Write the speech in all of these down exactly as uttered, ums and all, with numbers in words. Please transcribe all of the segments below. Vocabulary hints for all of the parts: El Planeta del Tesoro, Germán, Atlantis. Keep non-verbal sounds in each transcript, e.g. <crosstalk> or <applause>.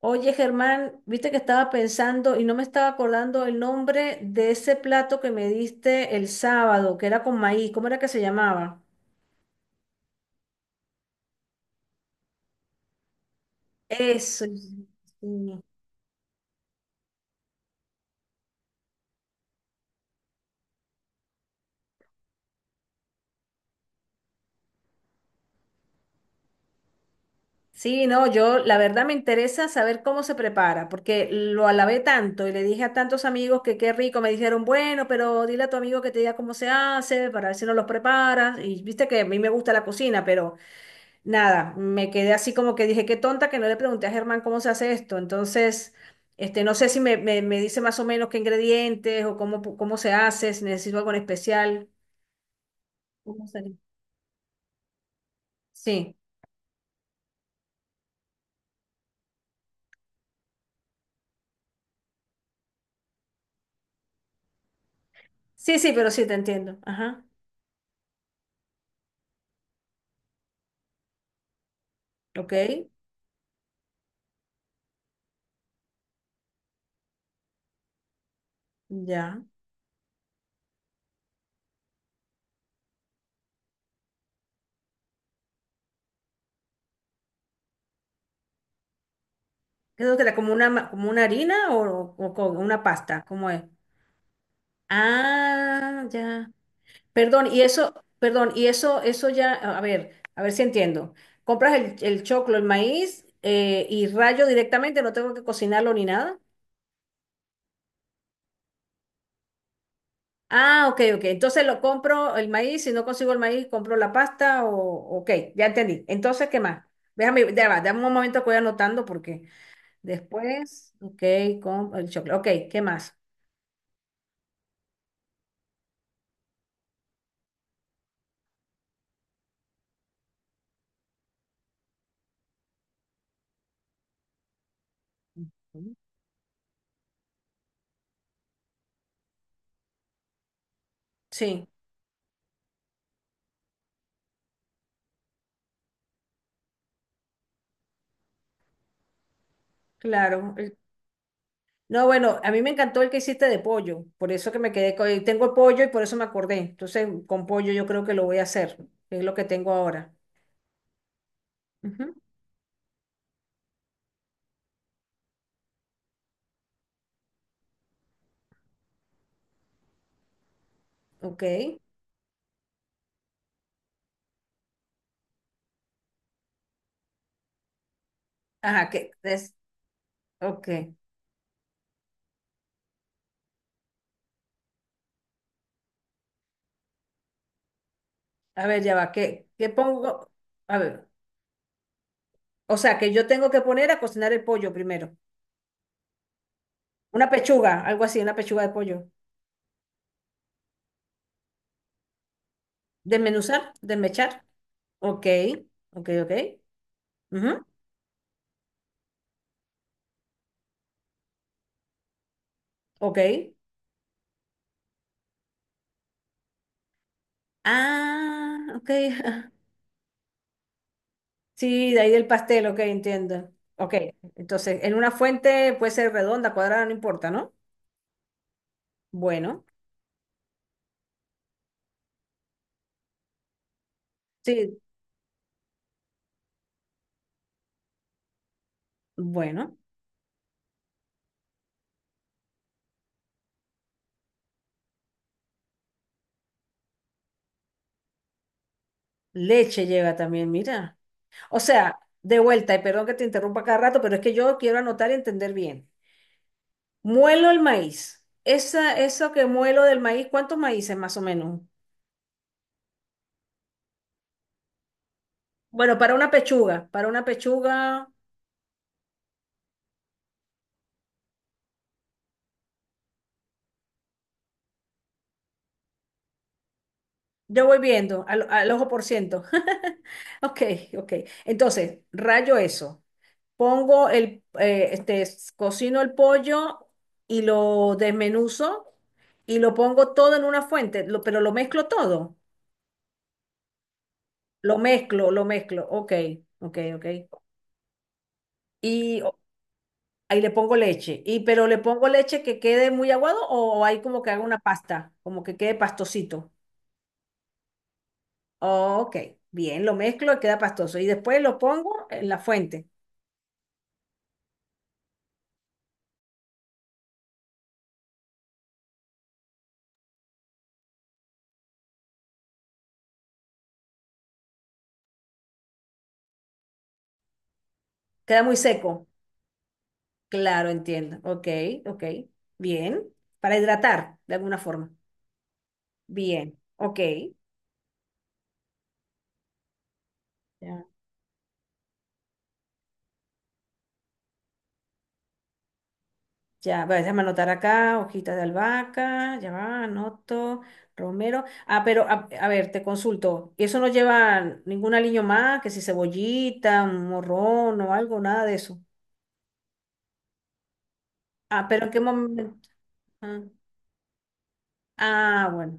Oye, Germán, viste que estaba pensando y no me estaba acordando el nombre de ese plato que me diste el sábado, que era con maíz. ¿Cómo era que se llamaba? Eso. Sí, Sí, no, yo la verdad me interesa saber cómo se prepara, porque lo alabé tanto y le dije a tantos amigos que qué rico. Me dijeron, bueno, pero dile a tu amigo que te diga cómo se hace para ver si nos los preparas. Y viste que a mí me gusta la cocina, pero Nada, me quedé así como que dije, qué tonta que no le pregunté a Germán cómo se hace esto. Entonces, este, no sé si me, me- me dice más o menos qué ingredientes o cómo, pu- cómo se hace, si necesito algo en especial. ¿Cómo sería? Sí, sí, sí, pero sí, te entiendo. Ajá, ok, ya. ¿Eso que era como una, ma- como una harina o, o con una pasta? ¿Cómo es? Ah, ya. Perdón, y eso, perdón, y eso, eso ya, a ver, a ver si entiendo. Compras el, el choclo, el maíz eh, y rayo directamente, no tengo que cocinarlo ni nada. Ah, ok, ok. Entonces lo compro el maíz, si no consigo el maíz, compro la pasta o, ok, ya entendí. Entonces, ¿qué más? Déjame, ya va, dame un momento que voy anotando porque después, ok, con el choclo. Ok, ¿qué más? Ujú. Sí, claro. No, bueno, a mí me encantó el que hiciste de pollo, por eso que me quedé con. Tengo pollo y por eso me acordé. Entonces, con pollo yo creo que lo voy a hacer, es lo que tengo ahora. Ujú, Ok. Ajá, que es. Ok. A ver, ya va, ¿qué, qué pongo? A ver, o sea, que yo tengo que poner a cocinar el pollo primero. Una pechuga, algo así, una pechuga de pollo. Desmenuzar, desmechar. Ok, ok, ok. Ujú, Ok. Ah, ok. <laughs> Sí, de ahí del pastel, ok, entiendo. Ok, entonces, en una fuente puede ser redonda, cuadrada, no importa, ¿no? Bueno, sí, bueno. Leche lleva también, mira. O sea, de vuelta, y perdón que te interrumpa cada rato, pero es que yo quiero anotar y entender bien. Muelo el maíz. Esa, eso que muelo del maíz, ¿cuántos maíces más o menos? Bueno, para una pechuga, para una pechuga, yo voy viendo al, al, ojo por ciento. <laughs> Ok, ok. Entonces, rayo eso. Pongo el, eh, este, cocino el pollo y lo desmenuzo y lo pongo todo en una fuente, lo- pero lo mezclo todo. Lo mezclo, lo mezclo. Ok, ok, ok. Y o- ahí le pongo leche. Y pero le pongo leche que quede muy aguado o hay como que haga una pasta, como que quede pastosito. Ok, bien, lo mezclo y queda pastoso. Y después lo pongo en la fuente. Queda muy seco. Claro, entiendo. Ok, ok. Bien. Para hidratar de alguna forma. Bien, ok. Ya. Ya, voy a déjame anotar acá, hojitas de albahaca, ya va, anoto, romero. Ah, pero a, a ver, te consulto, ¿eso no lleva ningún aliño más, que si cebollita, un morrón o algo, nada de eso? Ah, pero ¿en qué momento? Ah, ah, bueno.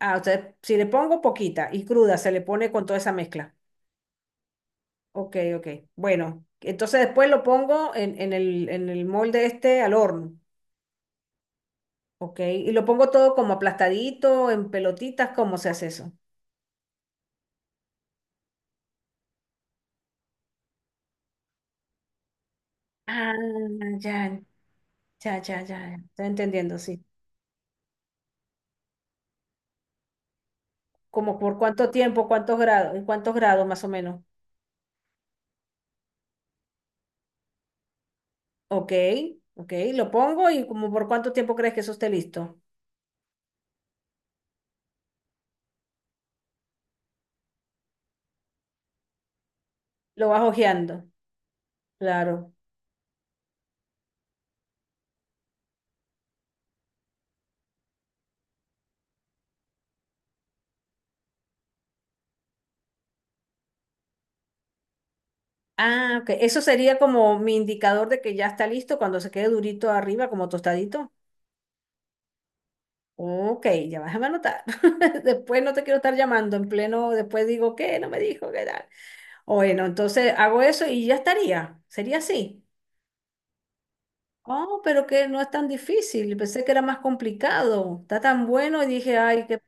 Ah, o sea, si le pongo poquita y cruda, se le pone con toda esa mezcla. Ok, ok. Bueno, entonces después lo pongo en, en el, en el molde este al horno. Ok, y lo pongo todo como aplastadito, en pelotitas, ¿cómo se hace eso? Ah, ya, ya, ya, ya, estoy entendiendo, sí. Como por cuánto tiempo, cuántos grados, en cuántos grados más o menos. Ok, ok, lo pongo y como por cuánto tiempo crees que eso esté listo. Lo vas hojeando, claro. Ah, ok, eso sería como mi indicador de que ya está listo cuando se quede durito arriba, como tostadito. Ok, ya vas a anotar. <laughs> Después no te quiero estar llamando en pleno, después digo, ¿qué? No me dijo, ¿qué tal? Bueno, entonces hago eso y ya estaría. Sería así. Oh, pero que no es tan difícil. Pensé que era más complicado. Está tan bueno y dije, ay, que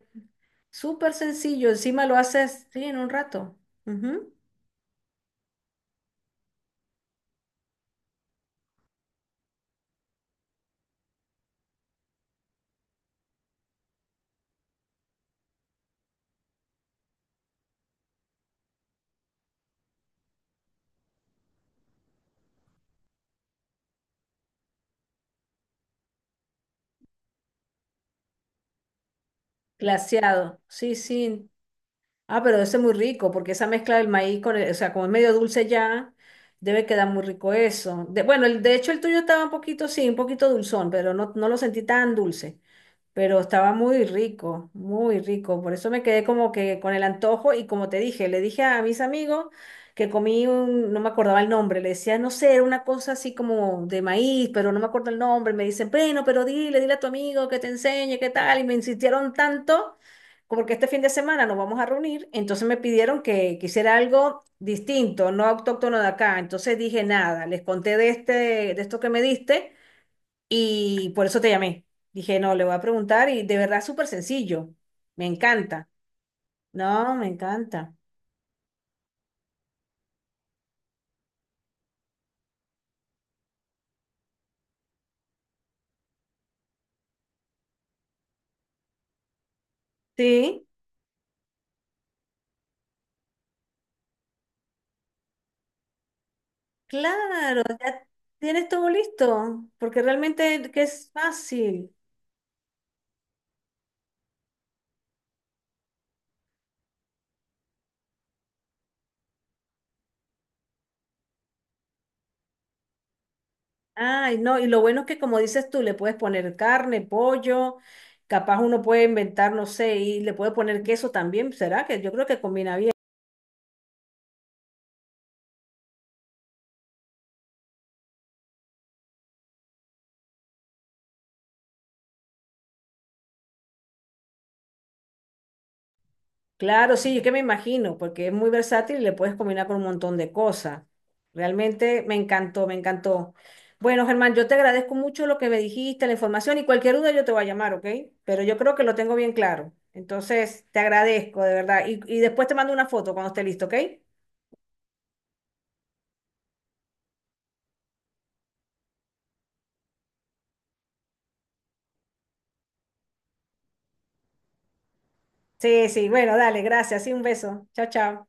súper sencillo. Encima lo haces, sí, en un rato. Ujú. Glaseado. Sí, sí. Ah, pero ese es muy rico porque esa mezcla del maíz con el- o sea, como es medio dulce ya, debe quedar muy rico eso. De, bueno, el, de hecho el tuyo estaba un poquito, sí, un poquito dulzón, pero no, no lo sentí tan dulce. Pero estaba muy rico, muy rico. Por eso me quedé como que con el antojo y como te dije, le dije a mis amigos que comí un, no me acordaba el nombre, le decía, no sé, era una cosa así como de maíz, pero no me acuerdo el nombre. Me dicen, bueno, pero dile, dile a tu amigo que te enseñe, qué tal. Y me insistieron tanto. Como que este fin de semana nos vamos a reunir, entonces me pidieron que, que hiciera algo distinto, no autóctono de acá. Entonces dije nada, les conté de este, de esto que me diste, y por eso te llamé. Dije, no, le voy a preguntar y de verdad es súper sencillo. Me encanta. No, me encanta. Sí, claro, ya tienes todo listo, porque realmente que es fácil. Ay, no, y lo bueno es que como dices tú, le puedes poner carne, pollo, capaz uno puede inventar, no sé, y le puede poner queso también, ¿será? Que yo creo que combina. Claro, sí, yo que me imagino, porque es muy versátil y le puedes combinar con un montón de cosas. Realmente me encantó, me encantó. Bueno, Germán, yo te agradezco mucho lo que me dijiste, la información y cualquier duda yo te voy a llamar, ¿ok? Pero yo creo que lo tengo bien claro. Entonces, te agradezco, de verdad. Y, y después te mando una foto cuando esté listo, ¿ok? Sí, sí, bueno, dale, gracias. Sí, un beso. Chao, chao.